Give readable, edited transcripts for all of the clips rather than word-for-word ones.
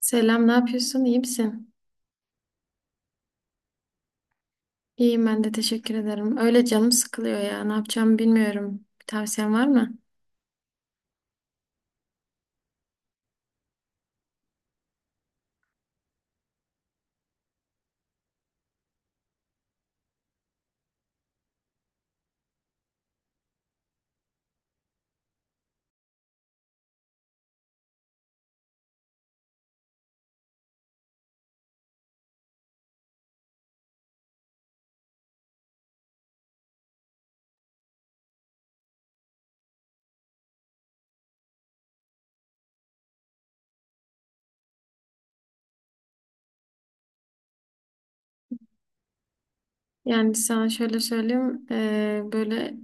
Selam, ne yapıyorsun? İyi misin? İyiyim ben de teşekkür ederim. Öyle canım sıkılıyor ya. Ne yapacağımı bilmiyorum. Bir tavsiyen var mı? Yani sana şöyle söyleyeyim. Böyle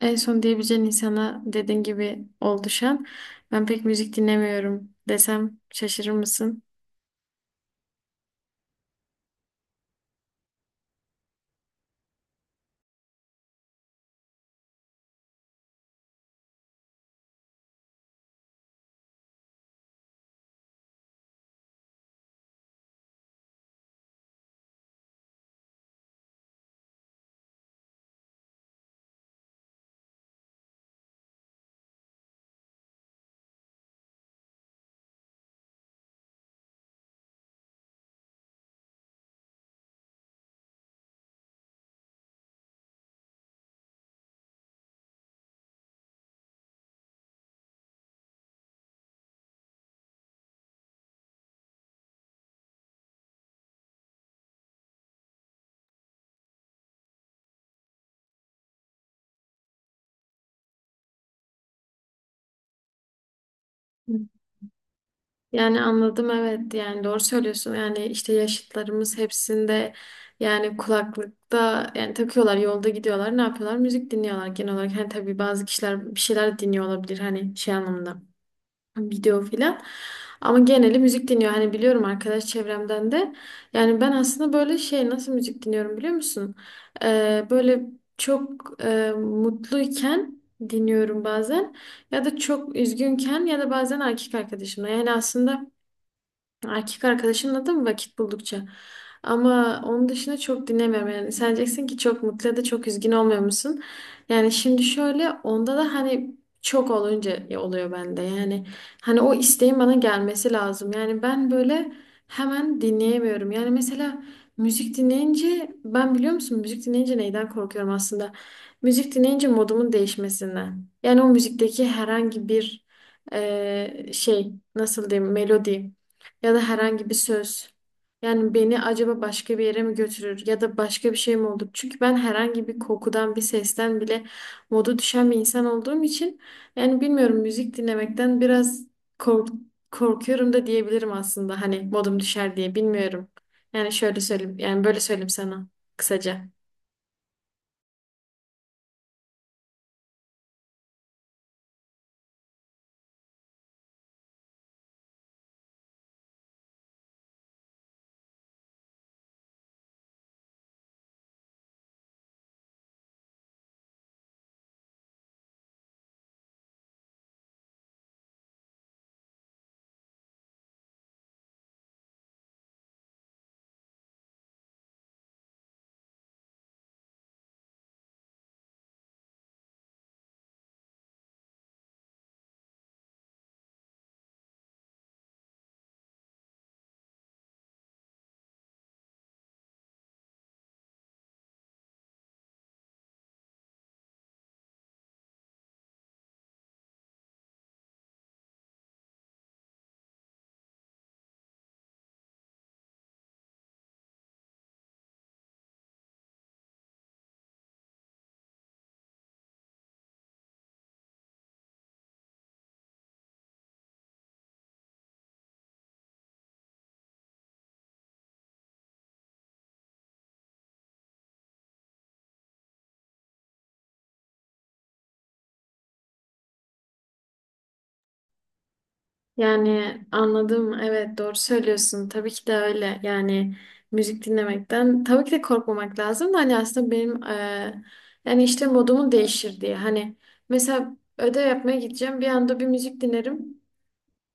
en son diyebileceğin insana dediğin gibi ol düşen. Ben pek müzik dinlemiyorum desem şaşırır mısın? Yani anladım, evet, yani doğru söylüyorsun, yani işte yaşıtlarımız hepsinde yani kulaklıkta yani takıyorlar, yolda gidiyorlar, ne yapıyorlar, müzik dinliyorlar genel olarak. Hani tabii bazı kişiler bir şeyler dinliyor olabilir, hani şey anlamında, video filan. Ama geneli müzik dinliyor, hani biliyorum arkadaş çevremden de. Yani ben aslında böyle şey, nasıl müzik dinliyorum biliyor musun? Böyle çok mutluyken dinliyorum bazen, ya da çok üzgünken ya da bazen erkek arkadaşımla. Yani aslında erkek arkadaşımla da mı vakit buldukça? Ama onun dışında çok dinlemiyorum yani. Sen diyeceksin ki çok mutlu ya da çok üzgün olmuyor musun? Yani şimdi şöyle, onda da hani çok olunca oluyor bende. Yani hani o isteğin bana gelmesi lazım. Yani ben böyle hemen dinleyemiyorum. Yani mesela müzik dinleyince ben, biliyor musun, müzik dinleyince neyden korkuyorum aslında? Müzik dinleyince modumun değişmesinden. Yani o müzikteki herhangi bir şey, nasıl diyeyim, melodi ya da herhangi bir söz. Yani beni acaba başka bir yere mi götürür ya da başka bir şey mi olur? Çünkü ben herhangi bir kokudan, bir sesten bile modu düşen bir insan olduğum için, yani bilmiyorum, müzik dinlemekten biraz kork korkuyorum da diyebilirim aslında. Hani modum düşer diye, bilmiyorum. Yani şöyle söyleyeyim, yani böyle söyleyeyim sana kısaca. Yani anladım. Evet, doğru söylüyorsun. Tabii ki de öyle. Yani müzik dinlemekten tabii ki de korkmamak lazım da hani aslında benim yani işte modumu değişir diye. Hani mesela ödev yapmaya gideceğim bir anda bir müzik dinlerim.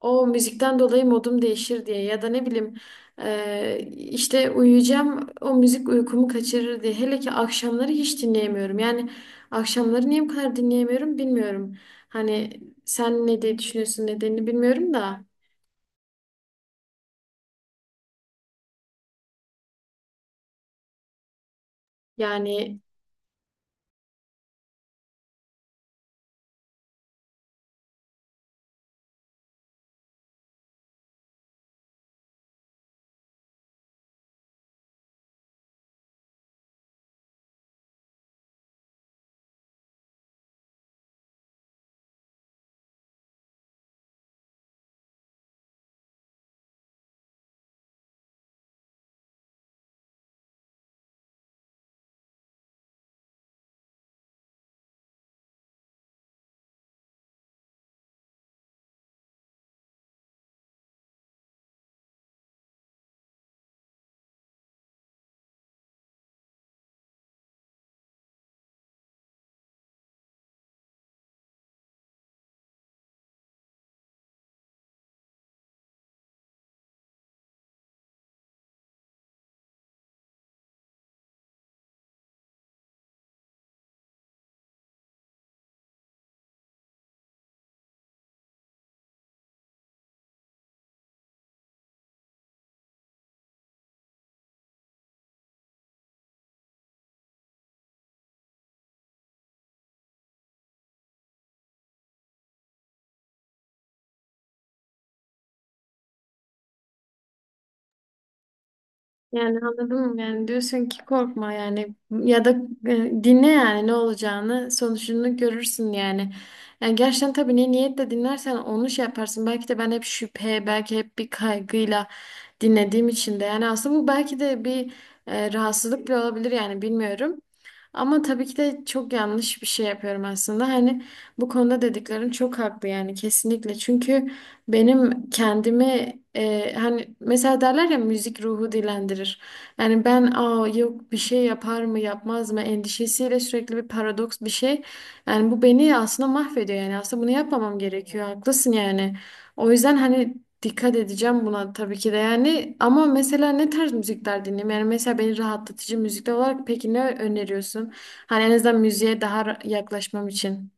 O müzikten dolayı modum değişir diye, ya da ne bileyim, işte uyuyacağım, o müzik uykumu kaçırır diye. Hele ki akşamları hiç dinleyemiyorum. Yani akşamları niye bu kadar dinleyemiyorum bilmiyorum. Hani sen ne diye düşünüyorsun, nedenini bilmiyorum da. Yani yani anladın mı? Yani diyorsun ki korkma, yani ya da dinle, yani ne olacağını sonucunu görürsün yani. Yani gerçekten tabii ne niyetle dinlersen onu şey yaparsın. Belki de ben hep şüphe, belki hep bir kaygıyla dinlediğim için de, yani aslında bu belki de bir rahatsızlık bile olabilir yani, bilmiyorum. Ama tabii ki de çok yanlış bir şey yapıyorum aslında. Hani bu konuda dediklerin çok haklı yani, kesinlikle. Çünkü benim kendimi hani mesela derler ya, müzik ruhu dilendirir. Yani ben, aa yok, bir şey yapar mı yapmaz mı endişesiyle sürekli bir paradoks bir şey. Yani bu beni aslında mahvediyor, yani aslında bunu yapmamam gerekiyor. Haklısın yani. O yüzden hani dikkat edeceğim buna tabii ki de yani, ama mesela ne tarz müzikler dinleyeyim? Yani mesela beni rahatlatıcı müzikler olarak peki ne öneriyorsun? Hani en azından müziğe daha yaklaşmam için.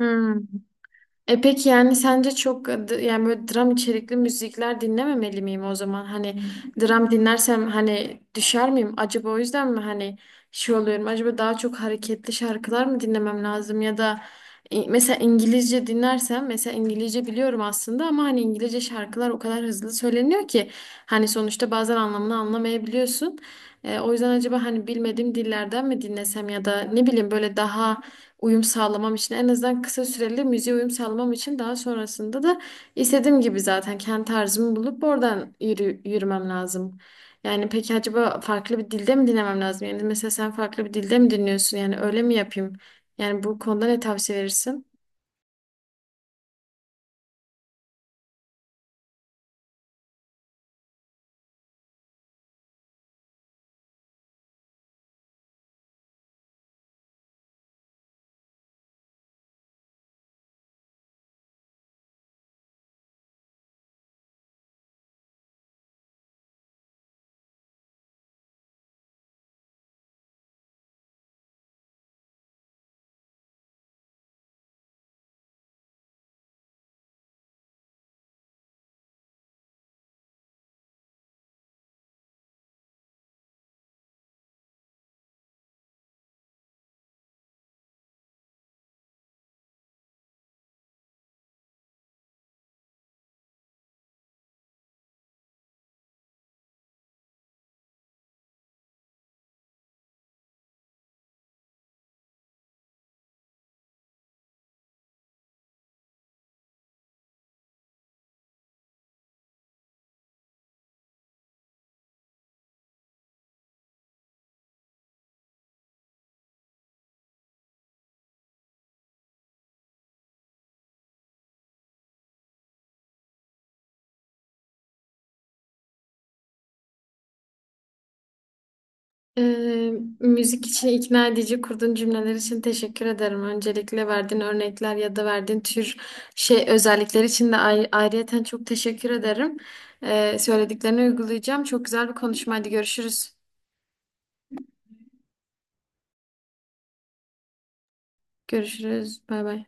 Hmm. E peki, yani sence çok yani böyle dram içerikli müzikler dinlememeli miyim o zaman? Hani dram dinlersem hani düşer miyim? Acaba o yüzden mi hani şey oluyorum? Acaba daha çok hareketli şarkılar mı dinlemem lazım, ya da mesela İngilizce dinlersem, mesela İngilizce biliyorum aslında ama hani İngilizce şarkılar o kadar hızlı söyleniyor ki hani sonuçta bazen anlamını anlamayabiliyorsun. O yüzden acaba hani bilmediğim dillerden mi dinlesem, ya da ne bileyim, böyle daha uyum sağlamam için, en azından kısa süreli müziğe uyum sağlamam için, daha sonrasında da istediğim gibi zaten kendi tarzımı bulup oradan yürümem lazım. Yani peki acaba farklı bir dilde mi dinlemem lazım? Yani mesela sen farklı bir dilde mi dinliyorsun? Yani öyle mi yapayım? Yani bu konuda ne tavsiye verirsin? Ee, Müzik için ikna edici kurduğun cümleler için teşekkür ederim. Öncelikle verdiğin örnekler ya da verdiğin tür şey özellikler için de ayrıyeten çok teşekkür ederim. Söylediklerini uygulayacağım. Çok güzel bir konuşmaydı. Görüşürüz. Görüşürüz. Bay bay.